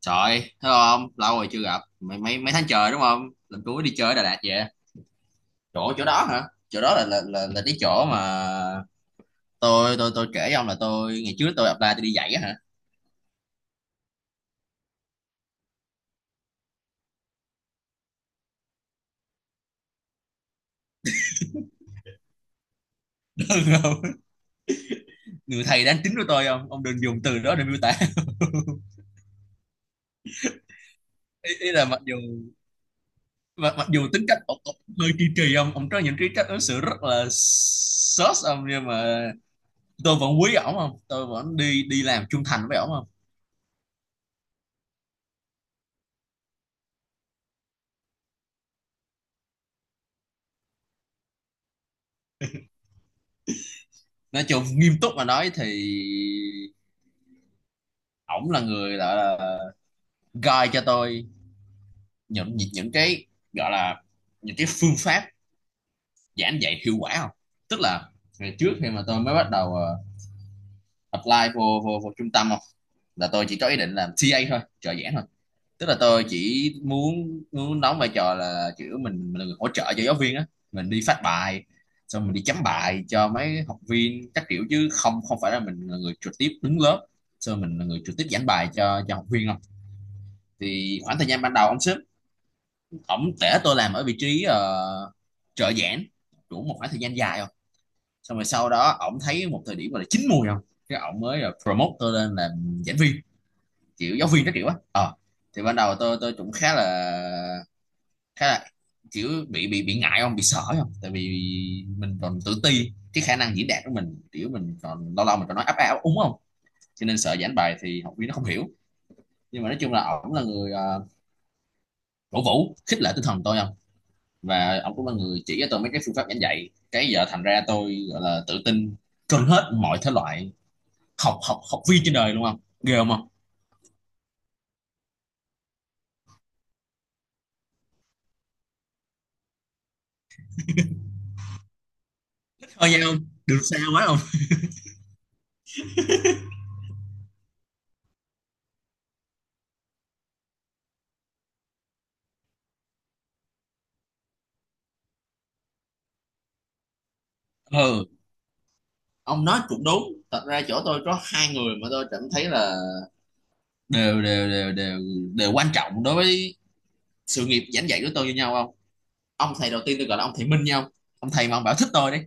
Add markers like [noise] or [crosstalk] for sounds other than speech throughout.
Trời ơi, thấy không? Lâu rồi chưa gặp. Mấy mấy mấy tháng trời đúng không? Lần cuối đi chơi ở Đà Lạt vậy. Chỗ chỗ đó hả? Chỗ đó là cái chỗ mà tôi kể với ông là tôi ngày trước tôi apply tôi đi dạy á hả? [laughs] Đúng không? Người thầy đáng kính của tôi không? Ông đừng dùng từ đó để miêu tả. [laughs] Ý là mặc dù mặc dù tính cách ông hơi kỳ kỳ không? Ông có những cái cách ứng xử rất là sốt ông, nhưng mà tôi vẫn quý ổng không? Tôi vẫn đi đi làm trung thành với ổng không? Nói chung nghiêm túc mà nói thì ổng là người gọi là guide cho tôi những cái, gọi là những cái phương pháp giảng dạy hiệu quả không, tức là ngày trước khi mà tôi mới bắt đầu apply vô, vô vô trung tâm không, là tôi chỉ có ý định làm TA thôi, trợ giảng thôi, tức là tôi chỉ muốn muốn đóng vai trò là kiểu mình là người hỗ trợ cho giáo viên á, mình đi phát bài, xong mình đi chấm bài cho mấy học viên các kiểu, chứ không không phải là mình là người trực tiếp đứng lớp, xong mình là người trực tiếp giảng bài cho học viên không. Thì khoảng thời gian ban đầu ông sếp. Tổng thể tôi làm ở vị trí trợ giảng đủ một khoảng thời gian dài không, xong rồi sau đó ổng thấy một thời điểm gọi là chín mùi không, cái ổng mới là promote tôi lên làm giảng viên, kiểu giáo viên các kiểu á. Ờ, thì ban đầu tôi cũng khá là kiểu bị ngại không, bị sợ không, tại vì mình còn tự ti cái khả năng diễn đạt của mình, kiểu mình còn lâu lâu mình còn nói áp áo úng không, cho nên sợ giảng bài thì học viên nó không hiểu. Nhưng mà nói chung là ổng là người cổ vũ khích lệ tinh thần tôi không, và ông cũng là người chỉ cho tôi mấy cái phương pháp giảng dạy, cái giờ thành ra tôi gọi là tự tin trên hết mọi thể loại học học học viên trên đời luôn không, ghê không không Thôi nha, không được sao quá không. Ừ, ông nói cũng đúng. Thật ra chỗ tôi có hai người mà tôi cảm thấy là đều đều đều đều đều quan trọng đối với sự nghiệp giảng dạy của tôi như nhau không. Ông thầy đầu tiên tôi gọi là ông thầy Minh nhau ông. Ông thầy mà ông bảo thích tôi đi,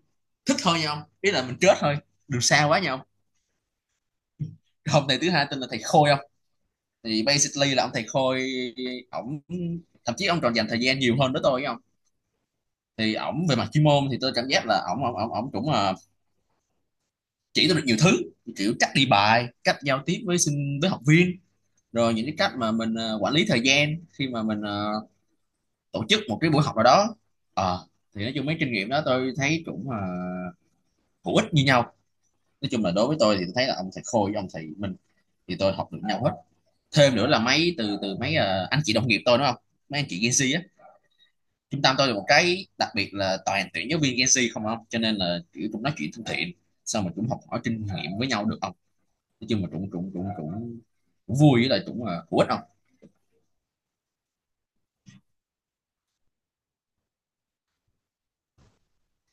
thích thôi nhau, ý là mình chết thôi, được sao quá nhau. Ông thầy thứ hai tên là thầy Khôi không, thì basically là ông thầy Khôi, ổng, thậm chí ông còn dành thời gian nhiều hơn với tôi không. Thì ổng về mặt chuyên môn thì tôi cảm giác là ổng ổng ổng ổng cũng chỉ tôi được nhiều thứ, kiểu cách đi bài, cách giao tiếp với học viên, rồi những cái cách mà mình quản lý thời gian khi mà mình tổ chức một cái buổi học nào đó. Ờ, thì nói chung mấy kinh nghiệm đó tôi thấy cũng hữu ích như nhau. Nói chung là đối với tôi thì tôi thấy là ông thầy Khôi với ông thầy Minh thì tôi học được nhau hết. Thêm nữa là mấy từ từ mấy anh chị đồng nghiệp tôi, đúng không, mấy anh chị Gen Z á, trung tâm tôi là một cái đặc biệt là toàn tuyển giáo viên Gen Z không ông, cho nên là kiểu cũng nói chuyện thân thiện sao mà cũng học hỏi kinh nghiệm với nhau được không? Nói chung mà cũng cũng cũng cũng cũng vui với lại cũng là hữu ích không?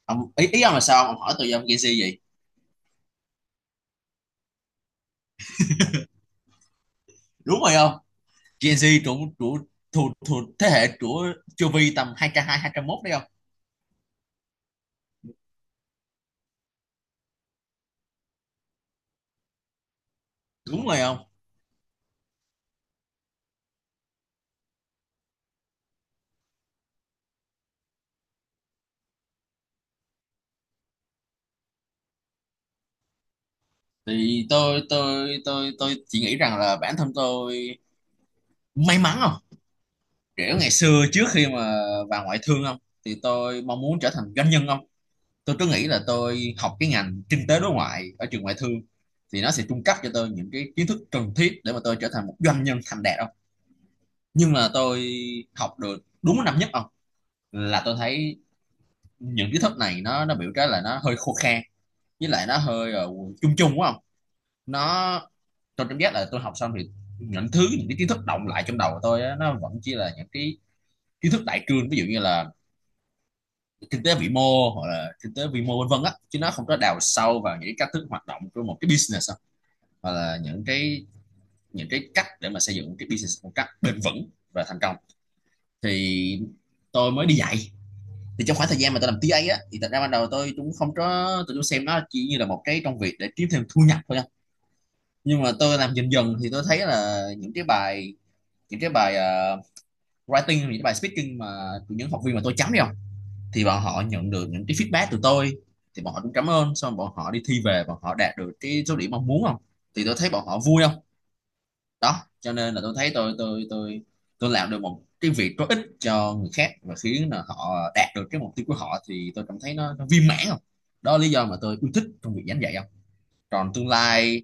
Ông ý ý ông là sao, ông hỏi tôi ông Gen Z gì? Đúng rồi không. Gen Z trụ trụ thuộc thuộc thế hệ của chu vi tầm 202 201 đấy không. Đúng rồi không. Thì tôi chỉ nghĩ rằng là bản thân tôi may mắn không, kiểu ngày xưa trước khi mà vào ngoại thương không, thì tôi mong muốn trở thành doanh nhân không. Tôi nghĩ là tôi học cái ngành kinh tế đối ngoại ở trường ngoại thương thì nó sẽ cung cấp cho tôi những cái kiến thức cần thiết để mà tôi trở thành một doanh nhân thành đạt không. Nhưng mà tôi học được đúng năm nhất không, là tôi thấy những kiến thức này nó biểu cái là nó hơi khô khan, với lại nó hơi chung chung quá không. Nó, tôi cảm giác là tôi học xong thì những cái kiến thức động lại trong đầu của tôi á, nó vẫn chỉ là những cái kiến thức đại cương, ví dụ như là kinh tế vĩ mô hoặc là kinh tế vĩ mô vân vân á, chứ nó không có đào sâu vào những cái cách thức hoạt động của một cái business, hoặc là những cái cách để mà xây dựng cái business một cách bền vững và thành công. Thì tôi mới đi dạy, thì trong khoảng thời gian mà tôi làm TA á, thì thật ra ban đầu tôi cũng không có, tôi cũng xem nó chỉ như là một cái công việc để kiếm thêm thu nhập thôi nha. Nhưng mà tôi làm dần dần thì tôi thấy là những cái bài writing, những cái bài speaking mà những học viên mà tôi chấm đi không, thì bọn họ nhận được những cái feedback từ tôi, thì bọn họ cũng cảm ơn, xong bọn họ đi thi về, bọn họ đạt được cái số điểm mong muốn không, thì tôi thấy bọn họ vui không. Đó cho nên là tôi thấy tôi làm được một cái việc có ích cho người khác và khiến là họ đạt được cái mục tiêu của họ, thì tôi cảm thấy nó viên mãn không. Đó là lý do mà tôi yêu thích trong việc giảng dạy không. Còn tương lai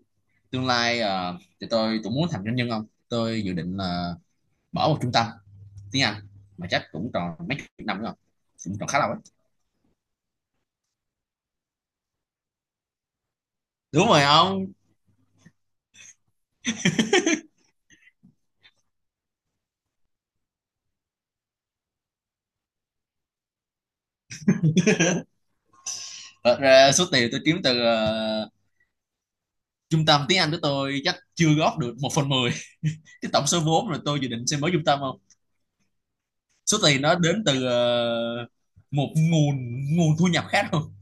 tương lai thì tôi cũng muốn thành doanh nhân không, tôi dự định là mở một trung tâm tiếng Anh, mà chắc cũng còn mấy chục năm nữa không, cũng còn khá lâu ấy. Đúng rồi không? Thật ra số tiền tôi kiếm từ trung tâm tiếng Anh của tôi chắc chưa góp được một phần mười [laughs] cái tổng số vốn rồi tôi dự định sẽ mở trung tâm không. Số tiền đó đến từ một nguồn nguồn thu nhập khác không.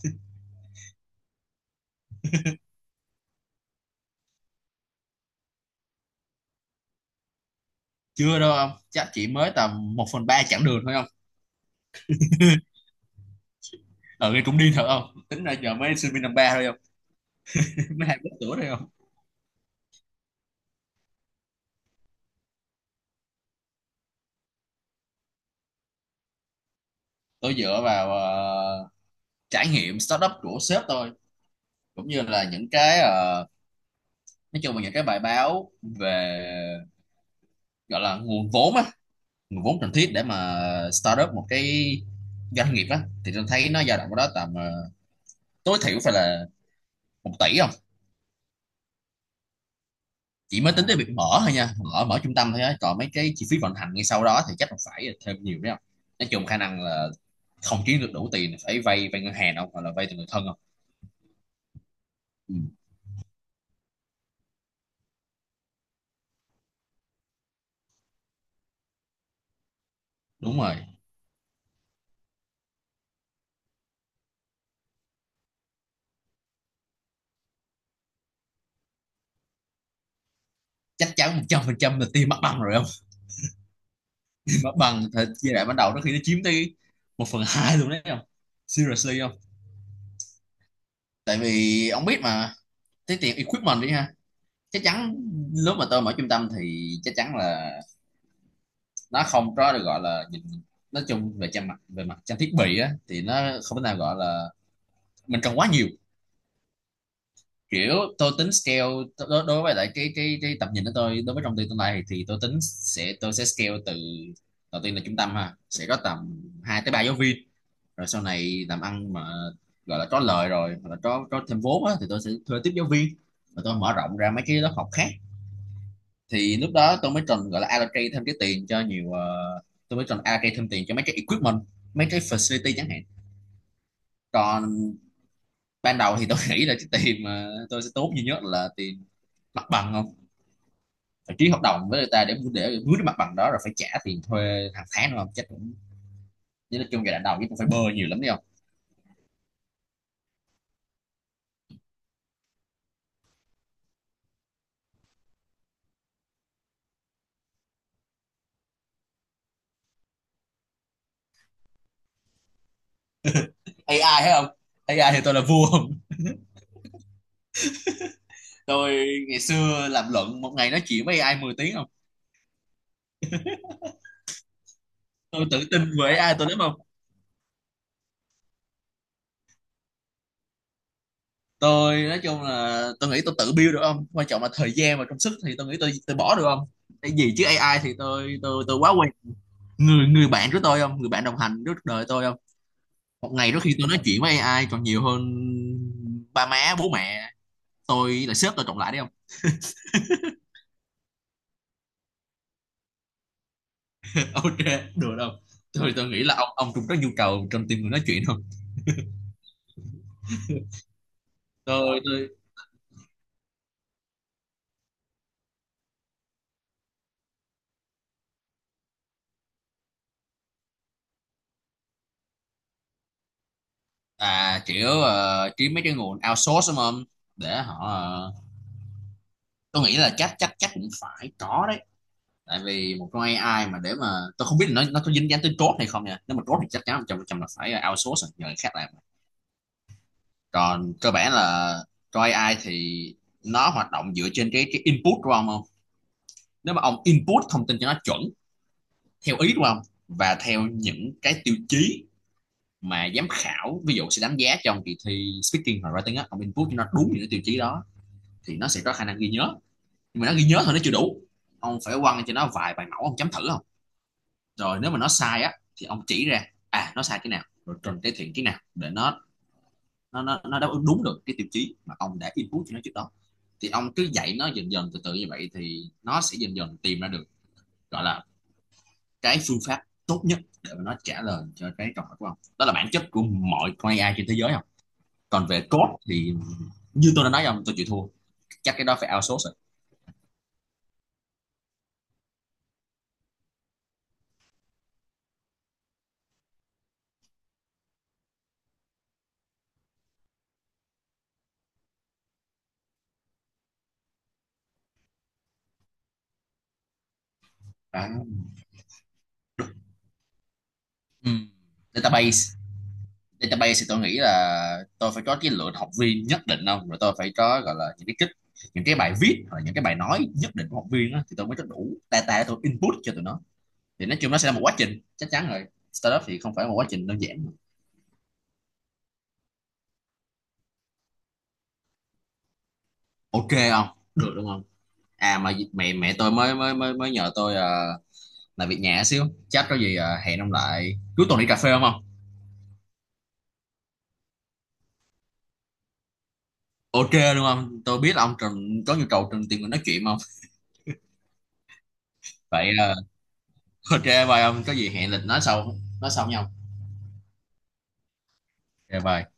Chưa đâu ông, chắc chỉ mới tầm một phần ba chặng đường thôi không. [laughs] Ở đây cũng đi thật không, tính ra giờ mới sinh viên năm ba thôi không. [laughs] Mới 20 tuổi thôi không. Tôi dựa vào trải nghiệm startup của sếp tôi, cũng như là những cái nói chung là những cái bài báo về, gọi là nguồn vốn á, nguồn vốn cần thiết để mà start up một cái doanh nghiệp á, thì tôi thấy nó dao động ở đó tầm tối thiểu phải là 1 tỷ. Chỉ mới tính tới việc mở thôi nha, mở mở trung tâm thôi á, còn mấy cái chi phí vận hành ngay sau đó thì chắc là phải thêm nhiều đấy không. Nói chung khả năng là không kiếm được đủ tiền, phải vay vay ngân hàng không, hoặc là vay từ người thân không. Ừ. Đúng rồi, chắc chắn 100% là tiền mất bằng rồi không. [laughs] Mất mặt bằng thì giai đoạn ban đầu nó khi nó chiếm tới 1/2 luôn đấy không, seriously không. Tại vì ông biết mà cái tiền equipment đi ha, chắc chắn lúc mà tôi mở trung tâm thì chắc chắn là nó không có được gọi là nhìn, nói chung về trang mặt về mặt trang thiết bị á thì nó không thể nào gọi là mình cần quá nhiều. Kiểu tôi tính scale, đối với lại cái tầm nhìn của tôi đối với trong tương lai thì tôi tính sẽ tôi sẽ scale từ đầu tiên là trung tâm ha, sẽ có tầm 2 tới 3 giáo viên. Rồi sau này làm ăn mà gọi là có lời rồi hoặc là có thêm vốn á, thì tôi sẽ thuê tiếp giáo viên và tôi mở rộng ra mấy cái lớp học khác. Thì lúc đó tôi mới cần gọi là allocate thêm cái tiền cho nhiều tôi mới cần allocate thêm tiền cho mấy cái equipment, mấy cái facility chẳng hạn. Còn ban đầu thì tôi [laughs] nghĩ là cái tiền mà tôi sẽ tốn duy nhất là tiền mặt bằng không, phải ký hợp đồng với người ta để mướn cái mặt bằng đó rồi phải trả tiền thuê hàng tháng, đúng không? Chắc cũng, chứ nói chung giai đoạn đầu chứ cũng phải bơ nhiều lắm đấy không. AI thấy không? AI thì tôi là vua không, tôi ngày xưa làm luận một ngày nói chuyện với AI 10 tiếng không. Tôi tự tin về AI tôi lắm không. Tôi nói chung là tôi nghĩ tôi tự build được không, quan trọng là thời gian và công sức thì tôi nghĩ tôi bỏ được không. Cái gì chứ AI thì tôi quá quen, người người bạn của tôi không, người bạn đồng hành suốt đời tôi không. Một ngày đôi khi tôi nói chuyện với AI còn nhiều hơn ba má bố mẹ tôi là sếp tôi cộng lại đấy không. [laughs] Ok, được không, tôi nghĩ là ông cũng có nhu cầu trong team người nói chuyện không. Tôi à, kiểu kiếm mấy cái nguồn outsource đúng không, để họ tôi nghĩ là chắc chắc chắc cũng phải có đấy. Tại vì một con AI mà để mà tôi không biết là nó có dính dáng tới code hay không nha, nếu mà code thì chắc chắn 100% là phải outsource rồi, nhờ người khác làm. Còn cơ bản là con AI thì nó hoạt động dựa trên cái input của ông không. Nếu mà ông input thông tin cho nó chuẩn theo ý của ông và theo những cái tiêu chí mà giám khảo ví dụ sẽ đánh giá trong kỳ thi speaking và writing á, ông input cho nó đúng những cái tiêu chí đó thì nó sẽ có khả năng ghi nhớ. Nhưng mà nó ghi nhớ thôi nó chưa đủ, ông phải quăng cho nó vài bài mẫu ông chấm thử, rồi nếu mà nó sai á thì ông chỉ ra à nó sai cái nào rồi cần cải thiện cái nào để nó đáp ứng đúng được cái tiêu chí mà ông đã input cho nó trước đó. Thì ông cứ dạy nó dần dần từ từ như vậy thì nó sẽ dần dần tìm ra được gọi là cái phương pháp tốt nhất để mà nó trả lời cho cái câu hỏi của ông, đó là bản chất của mọi con AI trên thế giới không. Còn về code thì như tôi đã nói với ông, tôi chịu thua, chắc cái đó phải outsource rồi. À, ừ. Database, database thì tôi nghĩ là tôi phải có cái lượng học viên nhất định không, rồi tôi phải có gọi là những cái kích, những cái bài viết hoặc là những cái bài nói nhất định của học viên á, thì tôi mới có đủ data để tôi input cho tụi nó. Thì nói chung nó sẽ là một quá trình chắc chắn rồi, startup thì không phải một quá trình đơn giản. Ok không, được, đúng không? À mà mẹ mẹ tôi mới mới nhờ tôi làm việc nhà xíu, chắc có gì hẹn ông lại cuối tuần đi cà phê không không. Ok, đúng không, tôi biết là ông Trần có nhu cầu Trần tìm người nói chuyện không. Vậy ok bye ông, có gì hẹn lịch nói sau, nói sau nhau. Ok bye.